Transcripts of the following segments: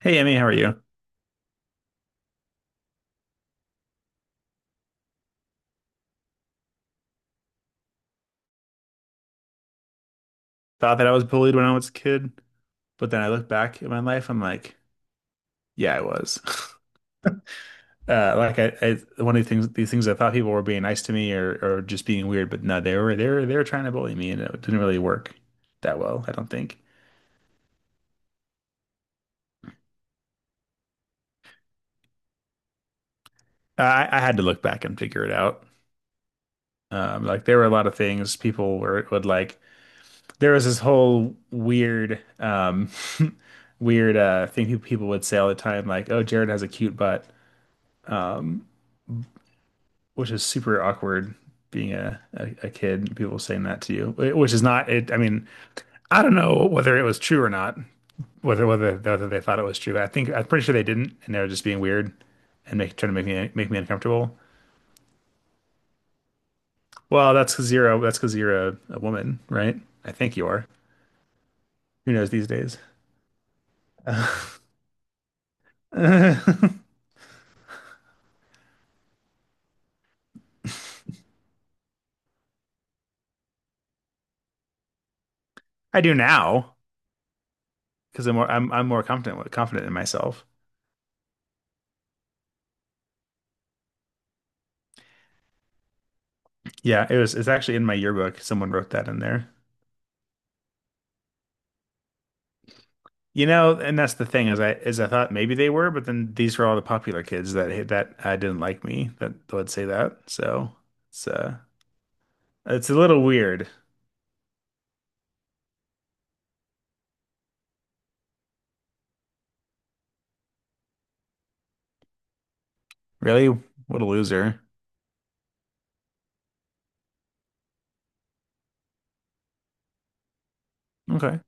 Hey, Emmy, how are you? Thought that I was bullied when I was a kid, but then I look back at my life, I'm like, yeah, I was. Like one of the things I thought people were being nice to me or just being weird, but no, they were trying to bully me, and it didn't really work that well, I don't think. I had to look back and figure it out. Like there were a lot of things people were would like. There was this whole weird, weird thing people would say all the time, like, "Oh, Jared has a cute butt." Um, which is super awkward being a kid, people saying that to you. Which is not it. I mean, I don't know whether it was true or not, whether they thought it was true. But I think I'm pretty sure they didn't, and they were just being weird and trying to make me uncomfortable. Well, that's because that's because you're a woman, right? I think you are. Who knows these days? I do now because I'm more I'm more confident in myself. Yeah, it was it's actually in my yearbook. Someone wrote that in there. You know, and that's the thing is I thought maybe they were, but then these were all the popular kids that didn't like me that would say that. So it's uh it's a little weird. Really? What a loser. Okay.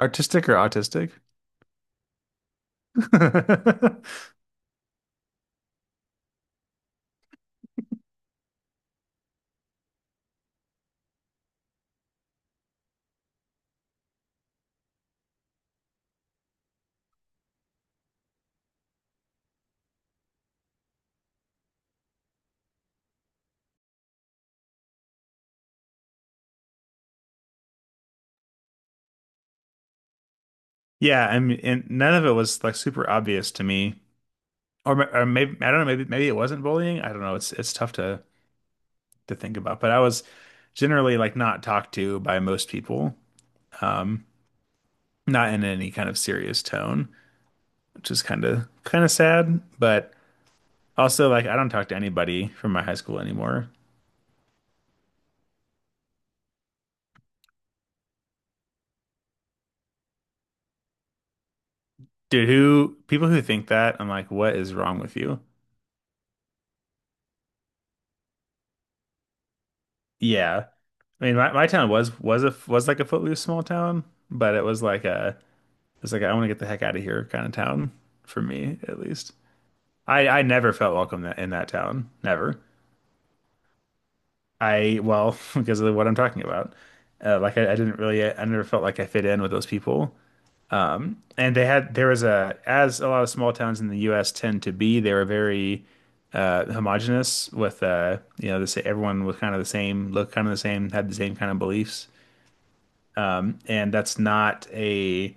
Artistic or autistic? Yeah, I mean, and none of it was like super obvious to me, or maybe I don't know, maybe it wasn't bullying. I don't know. It's tough to think about, but I was generally like not talked to by most people, not in any kind of serious tone, which is kind of sad. But also, like, I don't talk to anybody from my high school anymore, dude. Who People who think that, I'm like, what is wrong with you? Yeah, I mean, my town was a was like a footloose small town, but it was like a it's like I want to get the heck out of here kind of town for me at least. I never felt welcome in that town, never. I well because of what I'm talking about. Like I, didn't really I never felt like I fit in with those people. And they had there was a, as a lot of small towns in the U.S. tend to be, they were very homogenous with you know, the, everyone was kind of the same, looked kind of the same, had the same kind of beliefs, and that's not a,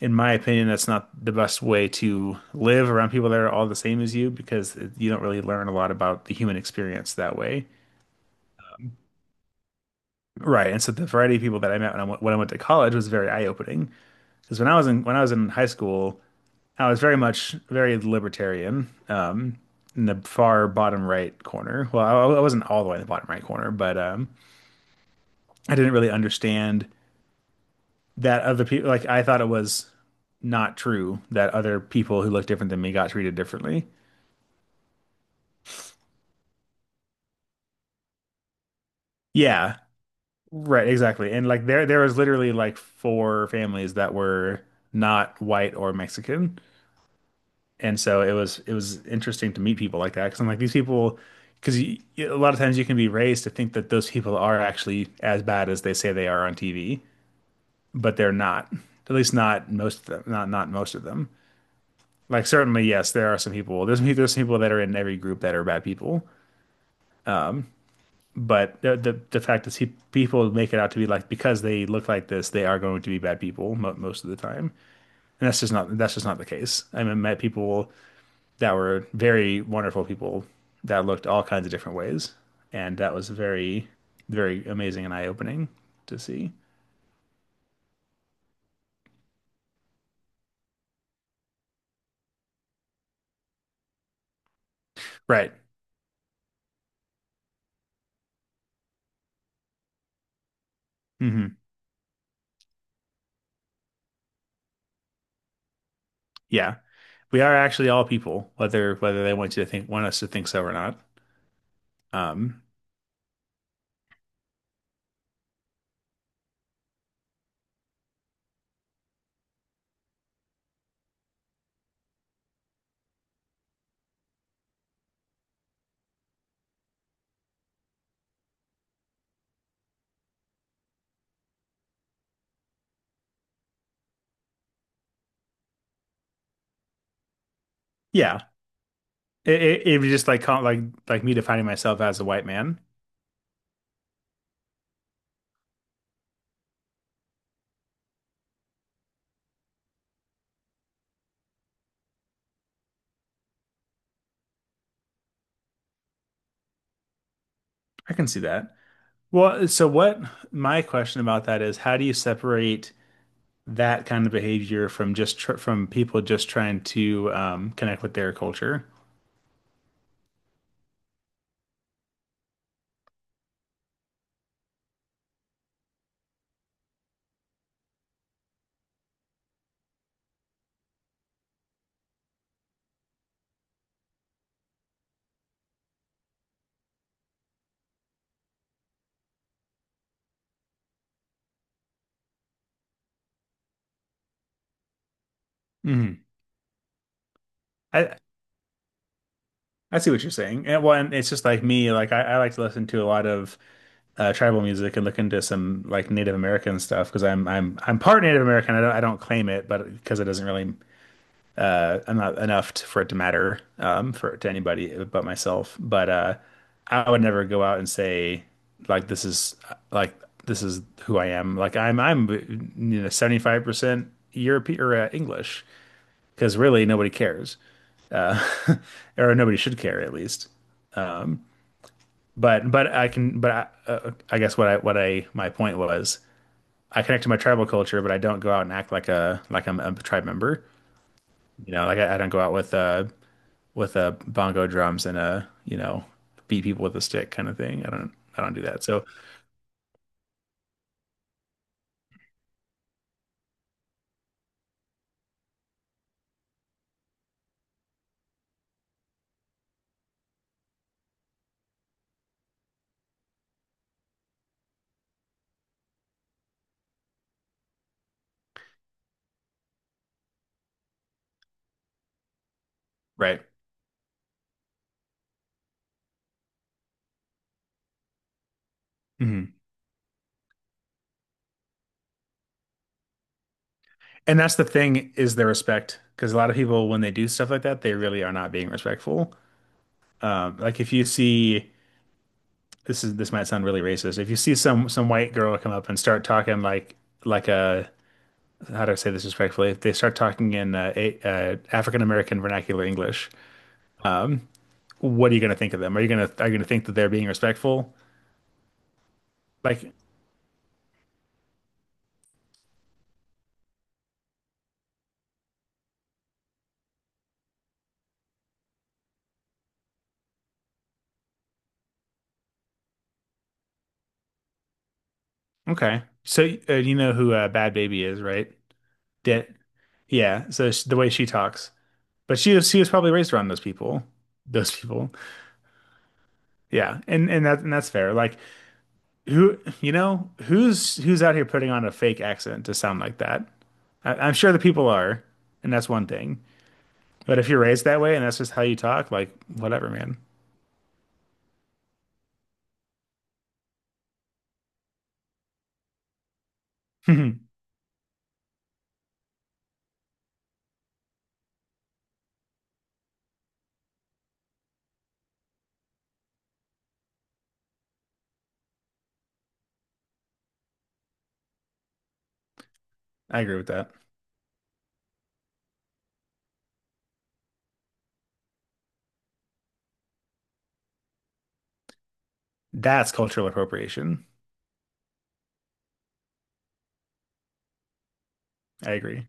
in my opinion, that's not the best way to live around people that are all the same as you because you don't really learn a lot about the human experience that way. Right, and so the variety of people that I met when when I went to college was very eye opening because when I was in when I was in high school, I was very much very libertarian, in the far bottom right corner. Well, I wasn't all the way in the bottom right corner, but I didn't really understand that other people. Like I thought it was not true that other people who looked different than me got treated differently. Yeah, right, exactly. And like there was literally like four families that were not white or Mexican, and so it was interesting to meet people like that because I'm like these people. Because a lot of times you can be raised to think that those people are actually as bad as they say they are on TV, but they're not. At least not most of them. Not most of them. Like certainly, yes, there are some people. There's some people that are in every group that are bad people. But the fact is, people make it out to be like because they look like this, they are going to be bad people most of the time, and that's just not the case. I mean, I met people that were very wonderful people that looked all kinds of different ways, and that was very very amazing and eye opening to see. Right. Hmm. Yeah. We are actually all people, whether whether they want you to think, want us to think so or not. Um, yeah, it was just like like me defining myself as a white man. I can see that. Well, so what my question about that is, how do you separate that kind of behavior from just tr from people just trying to connect with their culture? Mhm. I I see what you're saying. And well, and it's just like me. I like to listen to a lot of tribal music and look into some like Native American stuff because I'm part Native American. I don't claim it, but because it doesn't really I'm not enough t for it to matter for to anybody but myself. But I would never go out and say like this is like this is who I am. Like I'm you know 75% European or English because really nobody cares or nobody should care at least. But I can but I guess what I my point was I connect to my tribal culture, but I don't go out and act like a like I'm a tribe member. You know, like I don't go out with bongo drums and you know, beat people with a stick kind of thing. I don't do that. So right, hmm, and that's the thing is the respect because a lot of people when they do stuff like that, they really are not being respectful. Like if you see, this is this might sound really racist. If you see some white girl come up and start talking like a how do I say this respectfully? If they start talking in African American vernacular English, um, what are you going to think of them? Are you going to are you going to think that they're being respectful? Like, okay, so you know who Bad Baby is, right? That yeah. So sh the way she talks, but she was probably raised around those people. Those people, yeah, and that and that's fair. Like who you know who's who's out here putting on a fake accent to sound like that? I'm sure the people are, and that's one thing. But if you're raised that way and that's just how you talk, like whatever, man. I agree with that. That's cultural appropriation. I agree.